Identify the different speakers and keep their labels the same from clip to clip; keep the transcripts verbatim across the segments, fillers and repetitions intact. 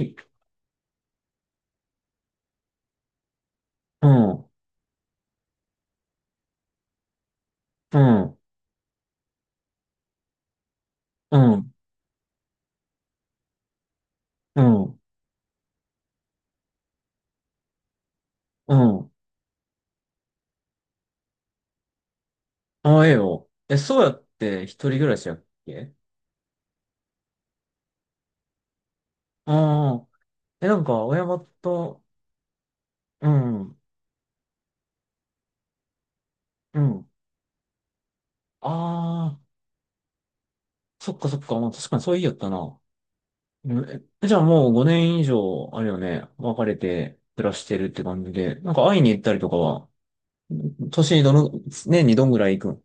Speaker 1: いうん、うん、うん、うん、うん。ああ、ええよ。え、そうやって一人暮らしやっけ？ああー、え、なんか、親元、うん、うん。ああ、そっかそっか。まあ、確かにそう言いよったな。うん。え、じゃあもうごねん以上、あれよね、別れて暮らしてるって感じで、なんか会いに行ったりとかは、年にどの、年にどんぐらい行くん？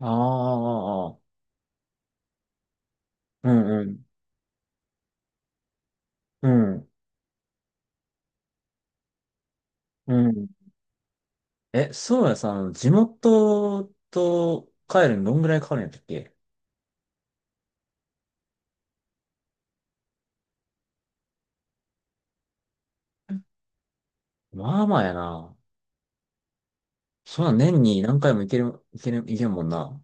Speaker 1: ああ、うん、うん、うん、うん。え、そうやさん、地元と帰るのどんぐらいかかるんやったっけ？まあまあやな。そんな年に何回も行ける、行ける、行けるもんな。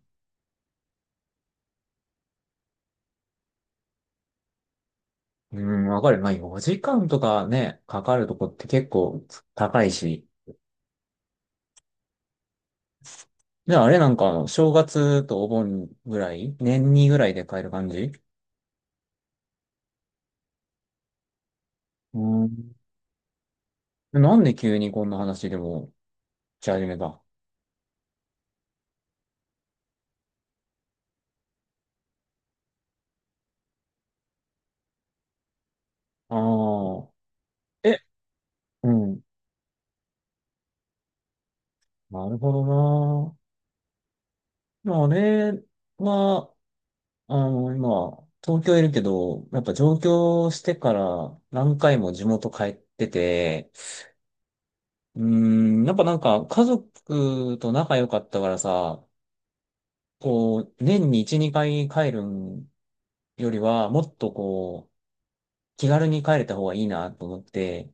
Speaker 1: うん、わかる。まあよじかんとかね、かかるとこって結構高いし。で、あれなんかあの、正月とお盆ぐらい年にぐらいで帰る感じ？うん。なんで急にこんな話でもし始めたああー。え、うん。なるほどな。まあ、あれは、あの、今、東京いるけど、やっぱ上京してから何回も地元帰ってて、うーん、やっぱなんか家族と仲良かったからさ、こう、年にいち、にかい帰るよりは、もっとこう、気軽に帰れた方がいいなと思って、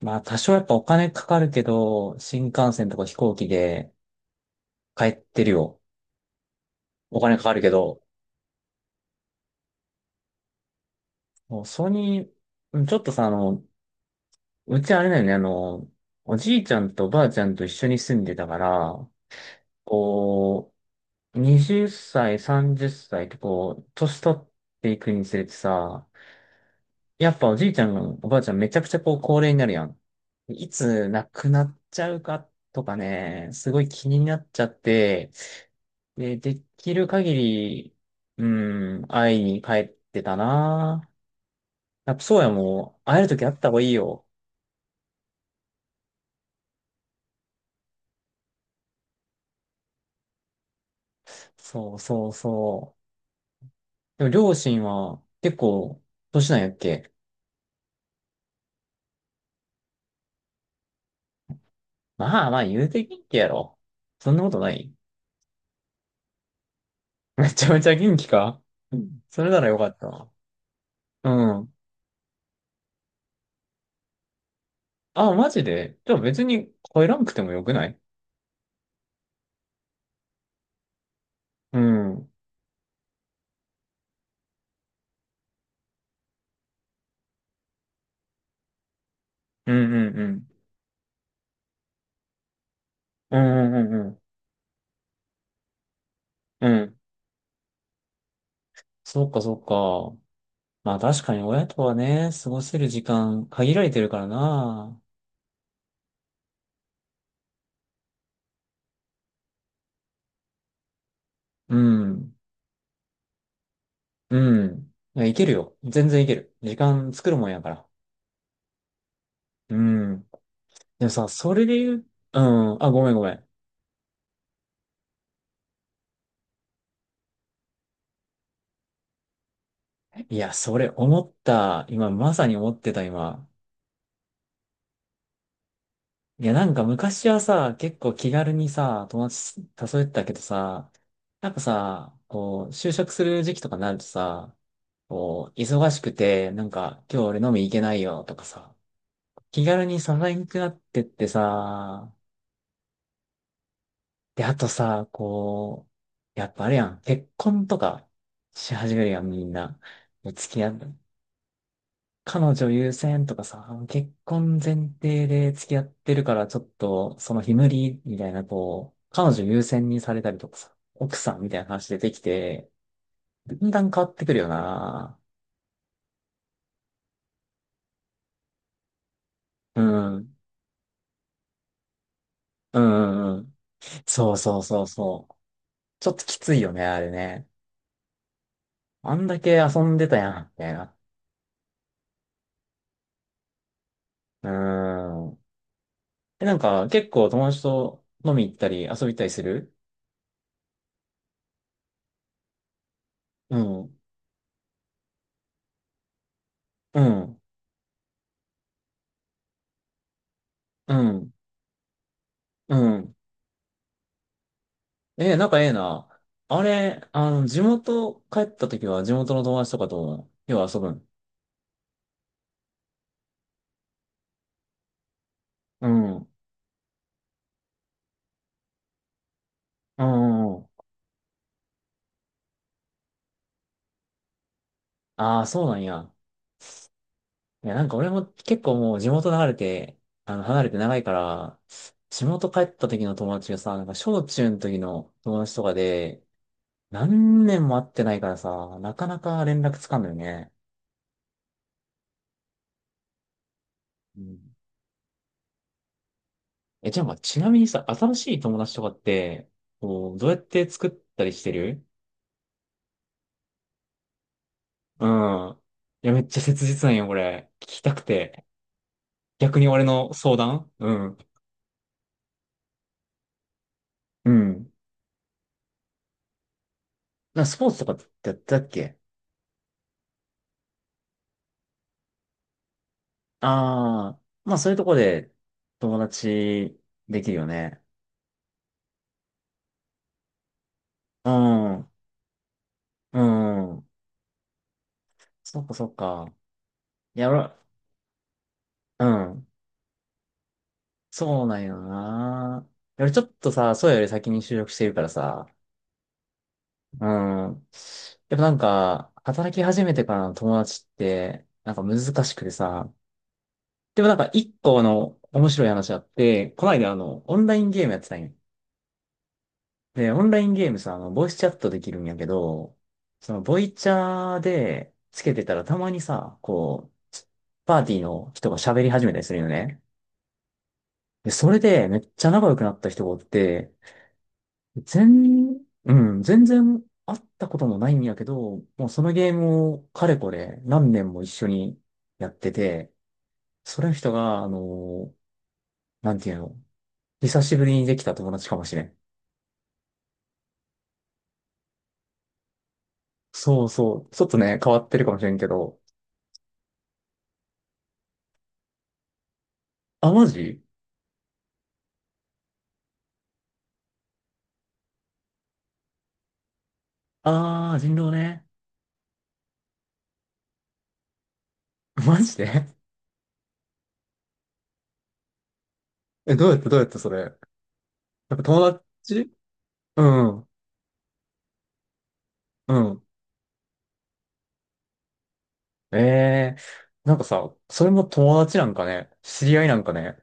Speaker 1: まあ多少やっぱお金かかるけど、新幹線とか飛行機で帰ってるよ。お金かかるけど、もうそれに、うん、ちょっとさ、あの、うちあれだよね、あの、おじいちゃんとおばあちゃんと一緒に住んでたから、こう、はたち、さんじゅっさいっさいってこう、年取っていくにつれてさ、やっぱおじいちゃん、おばあちゃんめちゃくちゃこう、高齢になるやん。いつ亡くなっちゃうかとかね、すごい気になっちゃって、で、できる限り、うん、会いに帰ってたな。やっぱそうやもう、会えるとき会った方がいいよ。そうそうそう。でも両親は結構年なんやっけ？まあまあ言うて元気やろ。そんなことない？ めちゃめちゃ元気か？うん、それならよかった。うん。あ、マジでじゃあ別に帰らんくてもよくない？うん。うんうんうん。うんうんうんうん。うん。そっかそっか。まあ確かに親とはね、過ごせる時間限られてるからな。うん。うん。いや、いけるよ。全然いける。時間作るもんやから。うん。でもさ、それで言う、うん、あ、ごめんごめん。いや、それ思った。今、まさに思ってた、今。いや、なんか昔はさ、結構気軽にさ、友達誘えてたけどさ、やっぱさ、こう、就職する時期とかになるとさ、こう、忙しくて、なんか、今日俺飲み行けないよとかさ、気軽に誘えなくなってってさ、で、あとさ、こう、やっぱあれやん、結婚とかし始めるやん、みんな。もう付き合う。彼女優先とかさ、結婚前提で付き合ってるから、ちょっと、その日無理みたいな、こう、彼女優先にされたりとかさ、奥さんみたいな話出てきて、だんだん変わってくるよな。うん。うんうんうん。そうそうそうそう。ちょっときついよね、あれね。あんだけ遊んでたやん、みたいな。うーん。え、なんか、結構友達と飲み行ったり遊び行ったりする？うん。うん。うん。うん。ええ、仲ええな。あれ、あの、地元帰った時は地元の友達とかと、よう遊ぶん？うん。うんうんうん。ああ、そうなんや。いや、なんか俺も結構もう地元離れて、あの、離れて長いから、地元帰った時の友達がさ、なんか小中の時の友達とかで、何年も会ってないからさ、なかなか連絡つかんのよね。うん。え、じゃあまあ、ちなみにさ、新しい友達とかって、こう、どうやって作ったりしてる？うん。いや、めっちゃ切実なんよ、これ。聞きたくて。逆に俺の相談。うん。うん。なスポーツとかってやってたっけ？ああー、まあそういうとこで友達できるよね。うん、うん。そっかそっか。いや、俺、うん。そうなんよな。俺ちょっとさ、そうより先に就職してるからさ。うん。やっぱなんか、働き始めてからの友達って、なんか難しくてさ、でもなんか一個の面白い話あって、この間あの、オンラインゲームやってたんよ。で、オンラインゲームさ、あの、ボイスチャットできるんやけど、その、ボイチャーでつけてたらたまにさ、こう、パーティーの人が喋り始めたりするよね。で、それでめっちゃ仲良くなった人がおって、全、うん、全然会ったこともないんやけど、もうそのゲームをかれこれ何年も一緒にやってて、その人が、あの、なんていうの？久しぶりにできた友達かもしれん。そうそう。ちょっとね、変わってるかもしれんけど。あ、マジ。あー、人狼ね。マジで？え、どうやってどうやってそれ。やっぱ友達。うん、うん。ええー、なんかさ、それも友達なんかね、知り合いなんかね。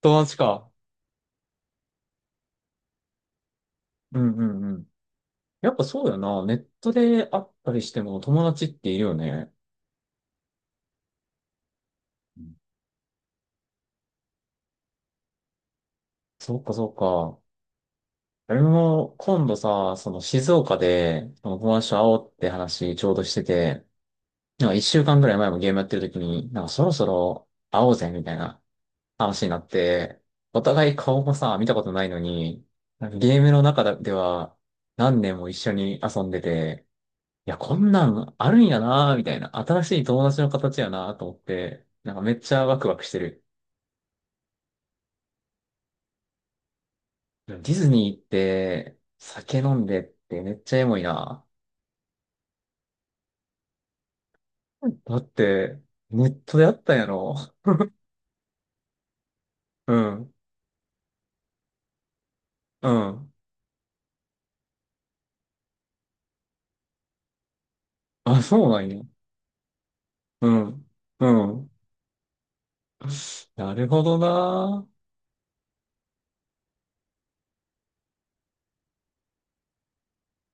Speaker 1: 友達か。うんうんうん。やっぱそうだよな。ネットで会ったりしても友達っているよね。うん。そっかそっか。俺も今度さ、その静岡で、その友達と会おうって話ちょうどしてて、なんか一週間ぐらい前もゲームやってる時に、なんかそろそろ会おうぜみたいな話になって、お互い顔もさ、見たことないのに、なんかゲームの中では何年も一緒に遊んでて、いや、こんなんあるんやなみたいな、新しい友達の形やなと思って、なんかめっちゃワクワクしてる。ディズニーって酒飲んでってめっちゃエモいな。だって、ネットであったんやろ。うん。うん。あ、そうなんや。うん。うん。なるほどな。